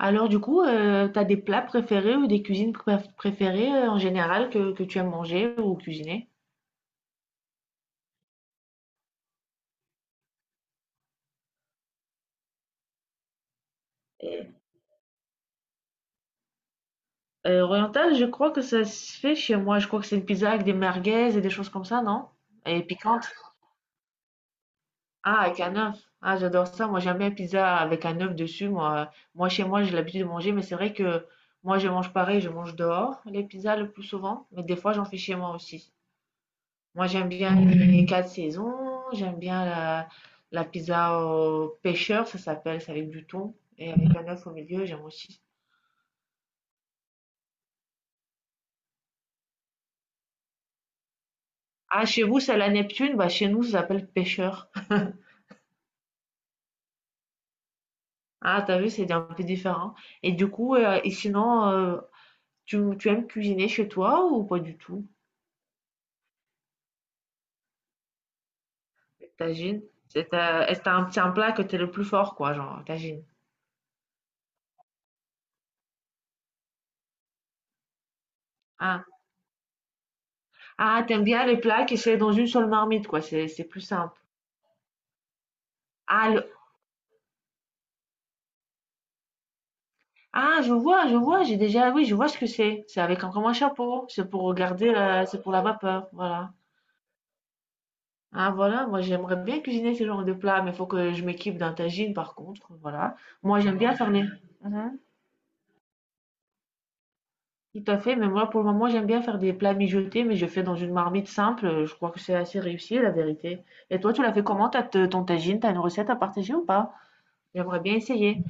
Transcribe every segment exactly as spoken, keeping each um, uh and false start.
Alors du coup, euh, t'as des plats préférés ou des cuisines préf- préférées euh, en général que, que tu aimes manger ou cuisiner? Euh, oriental, je crois que ça se fait chez moi. Je crois que c'est une pizza avec des merguez et des choses comme ça, non? Et piquante. Ah, avec un œuf. Ah, j'adore ça. Moi, j'aime bien la pizza avec un œuf dessus. Moi, moi chez moi, j'ai l'habitude de manger, mais c'est vrai que moi, je mange pareil. Je mange dehors les pizzas le plus souvent, mais des fois, j'en fais chez moi aussi. Moi, j'aime bien les Mhm. quatre saisons. J'aime bien la, la pizza au pêcheur, ça s'appelle, c'est avec du thon et avec un œuf au milieu, j'aime aussi. Ah, chez vous, c'est la Neptune, bah chez nous, ça s'appelle pêcheur. Ah, t'as vu, c'est un peu différent. Et du coup, euh, et sinon, euh, tu, tu aimes cuisiner chez toi ou pas du tout? Les Tagines? C'est ta- est-ce que t'as un petit un plat que t'es le plus fort, quoi, genre, tagine? Ah, ah t'aimes bien les plats qui sont dans une seule marmite, quoi, c'est c'est plus simple. Ah, Ah, je vois, je vois, j'ai déjà, oui, je vois ce que c'est. C'est avec un, comme un chapeau. C'est pour regarder, la- c'est pour la vapeur, voilà. Ah, voilà, moi j'aimerais bien cuisiner ce genre de plat, mais il faut que je m'équipe d'un tagine par contre, voilà. Moi j'aime bien faire les. Mhm. Tout à fait, mais moi pour le moment j'aime bien faire des plats mijotés, mais je fais dans une marmite simple. Je crois que c'est assez réussi la vérité. Et toi, tu l'as fait comment, t'as te- ton tagine? T'as une recette à partager ou pas? J'aimerais bien essayer.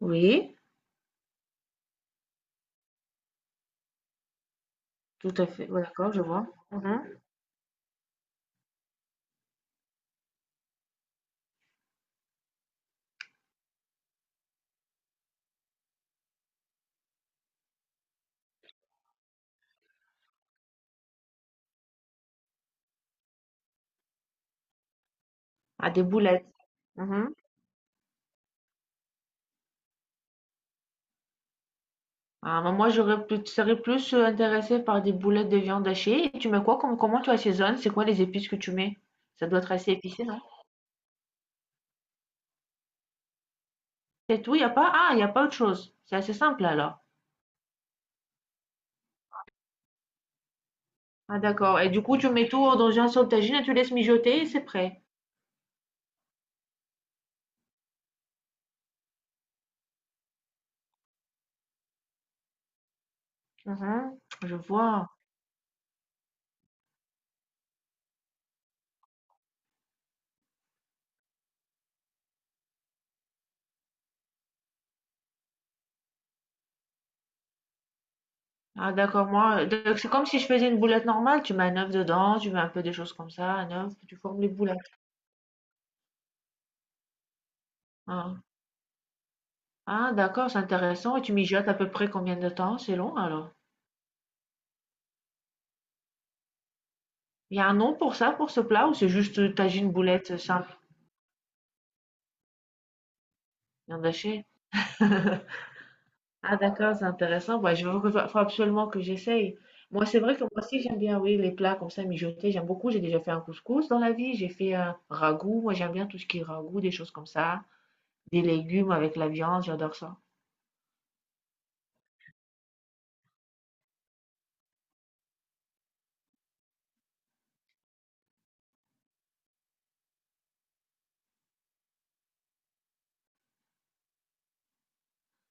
Oui, tout à fait, ouais, d'accord, je vois. Mhm. Ah, des boulettes. Mhm. Ah, bah, moi, j'aurais plus, tu serais plus euh, intéressée par des boulettes de viande hachée. Et tu mets quoi comme, comment tu assaisonnes? C'est quoi les épices que tu mets? Ça doit être assez épicé, non? C'est tout, il a pas, ah, y a pas autre chose. C'est assez simple alors. Ah, d'accord. Et du coup, tu mets tout dans un saut tagine et tu laisses mijoter et c'est prêt. Mhm. Je vois. Ah, d'accord, moi, donc c'est comme si je faisais une boulette normale. Tu mets un œuf dedans, tu mets un peu des choses comme ça, un œuf, tu formes les boulettes. Ah, Ah, d'accord, c'est intéressant. Et tu mijotes à peu près combien de temps? C'est long alors? Il y a un nom pour ça, pour ce plat, ou c'est juste euh, tagine boulette euh, simple, viande hachée? Ah d'accord, c'est intéressant. Ouais, je faut faut absolument que j'essaye. Moi, c'est vrai que moi aussi, j'aime bien, oui, les plats comme ça mijotés. J'aime beaucoup. J'ai déjà fait un couscous dans la vie. J'ai fait un ragoût. Moi, j'aime bien tout ce qui est ragoût, des choses comme ça. Des légumes avec la viande, j'adore ça.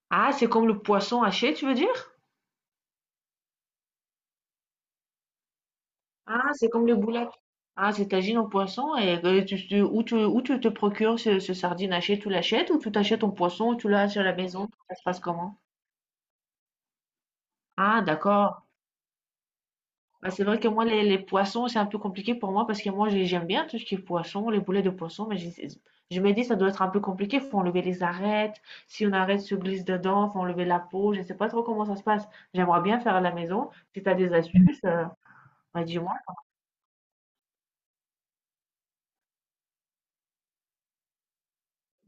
Ah, c'est comme le poisson haché, tu veux dire? Ah, c'est comme le boulettes. Ah, c'est tagine au poisson et euh, tu, tu- où tu, où tu te procures ce, ce sardine haché, tu l'achètes ou tu t'achètes ton poisson, ou tu l'as à la maison, ça se passe comment? Ah, d'accord. Bah, c'est vrai que moi, les, les poissons, c'est un peu compliqué pour moi parce que moi, j'ai- j'aime bien tout ce qui est poisson, les boulets de poisson, mais j'ai- je me dis, ça doit être un peu compliqué. Faut enlever les arêtes. Si on arrête, se glisse dedans, faut enlever la peau. Je sais pas trop comment ça se passe. J'aimerais bien faire à la maison. Si tu as des astuces, euh, bah, dis-moi.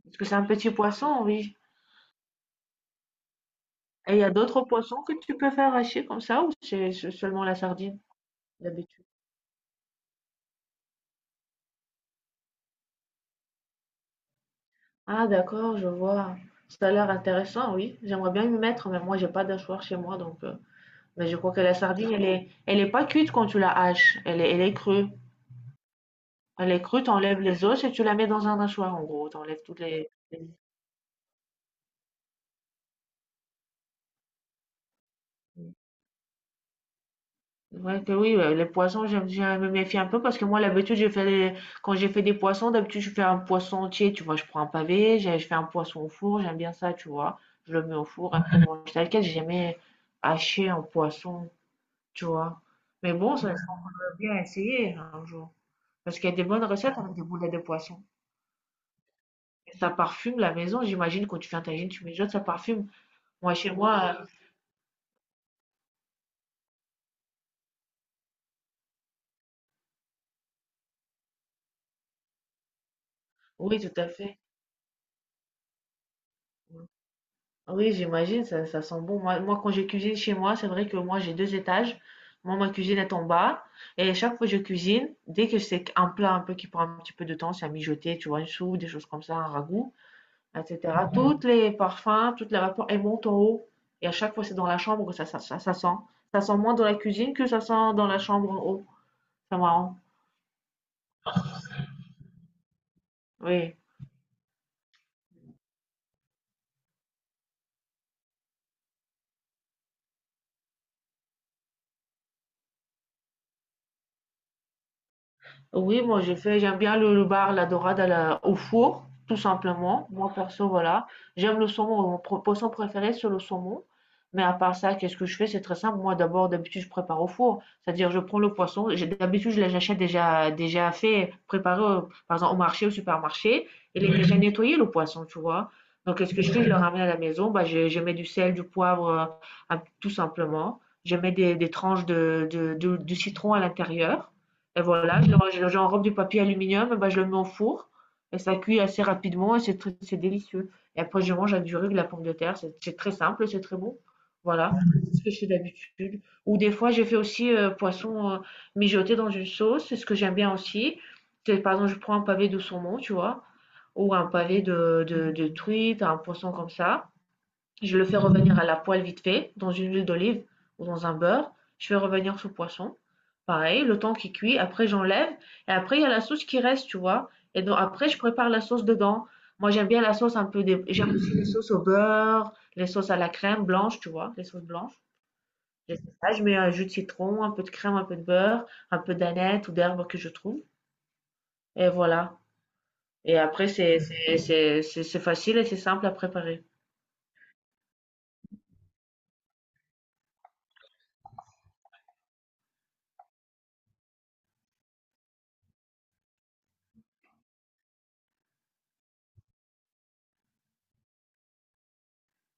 Parce que c'est un petit poisson, oui. Et il y a d'autres poissons que tu peux faire hacher comme ça ou c'est se- seulement la sardine d'habitude? Ah d'accord, je vois. Ça a l'air intéressant, oui. J'aimerais bien m'y mettre, mais moi j'ai pas d'achoir chez moi, donc. euh, Mais je crois que la sardine, elle est, elle est pas cuite quand tu la haches. Elle est, elle est crue. Elle est crue, t'enlèves les os et tu la mets dans un hachoir, en gros. T'enlèves toutes les, les- ouais que oui, ouais, les poissons, j'aime, je me méfie un peu parce que moi, l'habitude, je fais des- quand j'ai fait des poissons, d'habitude, je fais un poisson entier, tu vois, je prends un pavé, j'ai- je fais un poisson au four, j'aime bien ça, tu vois, je le mets au four, après, je mange tel quel, j'ai jamais haché un poisson, tu vois. Mais bon, ça serait bien essayer hein, un jour. Parce qu'il y a des bonnes recettes avec des boulettes de poisson. Et ça parfume la maison, j'imagine, quand tu fais un tagine, tu mets ça parfume. Moi, chez moi, euh, oui, tout à fait. Oui, j'imagine, ça, ça sent bon. Moi, moi, quand je cuisine chez moi, c'est vrai que moi, j'ai deux étages. Moi, ma cuisine est en bas. Et chaque fois que je cuisine, dès que c'est un plat un peu qui prend un petit peu de temps, c'est à mijoter, tu vois, une soupe, des choses comme ça, un ragoût, et cetera. Mhm. Toutes les parfums, toutes les vapeurs, elles montent en haut. Et à chaque fois, c'est dans la chambre que ça, ça, ça, ça sent. Ça sent moins dans la cuisine que ça sent dans la chambre en haut. C'est marrant. Oui. Oui, moi j'ai fait, j'aime bien le, le bar, la dorade à la- au four, tout simplement. Moi perso, voilà. J'aime le saumon, mon pro- poisson préféré c'est le saumon. Mais à part ça, qu'est-ce que je fais? C'est très simple. Moi d'abord, d'habitude, je prépare au four. C'est-à-dire, je prends le poisson. J'ai- D'habitude, je l'achète déjà, déjà fait, préparé, au- par exemple, au marché, au supermarché. Il est déjà nettoyé, le poisson, tu vois. Donc, qu'est-ce que je fais? Je le ramène à la maison. Bah, je, je mets du sel, du poivre, euh, un- tout simplement. Je mets des, des tranches de, de, de- du citron à l'intérieur. Et voilà, je le- je- j'enrobe du papier aluminium, et ben, je le mets au four. Et ça cuit assez rapidement et c'est c'est délicieux. Et après, je mange avec du riz, de la pomme de terre. C'est c'est très simple, c'est très bon. Voilà, c'est ce que je fais d'habitude. Ou des fois, j'ai fait aussi euh, poisson euh, mijoté dans une sauce. C'est ce que j'aime bien aussi. C'est, par exemple, je prends un pavé de saumon, tu vois, ou un pavé de, de, de truite, un poisson comme ça. Je le fais revenir à la poêle vite fait, dans une huile d'olive ou dans un beurre. Je fais revenir ce poisson. Pareil, le temps qu'il cuit. Après, j'enlève. Et après, il y a la sauce qui reste, tu vois. Et donc, après, je prépare la sauce dedans. Moi, j'aime bien la sauce un peu. Des... J'aime aussi les sauces au beurre, les sauces à la crème blanche, tu vois, les sauces blanches. Je fais ça, je mets un jus de citron, un peu de crème, un peu de beurre, un peu d'aneth ou d'herbe que je trouve. Et voilà. Et après, c'est c'est- c'est- c'est- c'est facile et c'est simple à préparer.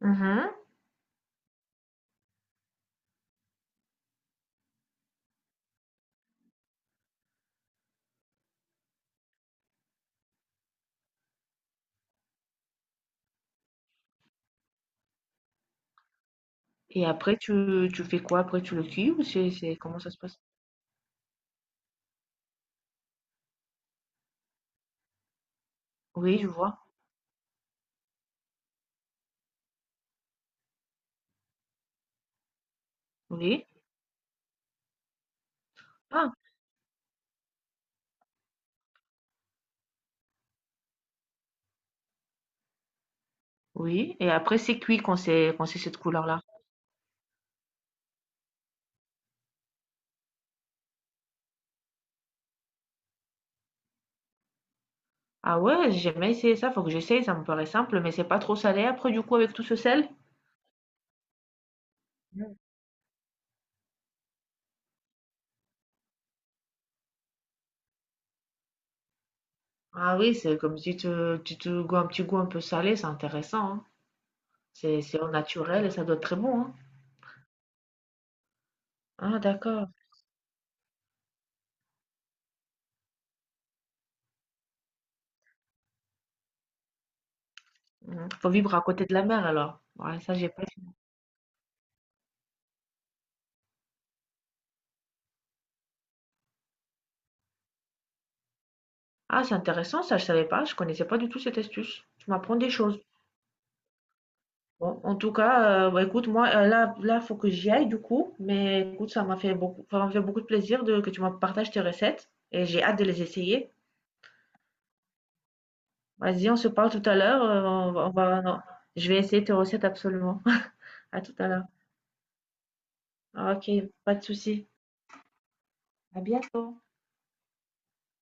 Mhm. Et après, tu, tu fais quoi? Après, tu le cuis ou c'est, c'est, comment ça se passe? Oui, je vois. Oui. Ah, oui. Et après, c'est cuit quand c'est, quand c'est cette couleur-là. Ah ouais, j'ai jamais essayé ça. Faut que j'essaye. Ça me paraît simple, mais c'est pas trop salé après, du coup, avec tout ce sel? Non. Ah oui, c'est comme si tu, tu te goûtes un petit goût un peu salé. C'est intéressant, hein. C'est, c'est au naturel et ça doit être très bon, hein. Ah, d'accord. Mhm. Faut vivre à côté de la mer, alors. Ouais, ça, j'ai pas. Ah, c'est intéressant. Ça, je savais pas. Je connaissais pas du tout cette astuce. Tu m'apprends des choses. Bon, en tout cas, euh, bah, écoute, moi, euh, là, là, faut que j'y aille du coup. Mais écoute, ça m'a fait beaucoup, ça m'a fait beaucoup de plaisir de, que tu m'as partagé tes recettes et j'ai hâte de les essayer. Vas-y, on se parle tout à l'heure. euh, on va, on va- non, je vais essayer tes recettes absolument. À tout à l'heure. Ah, Ok, pas de souci. À bientôt.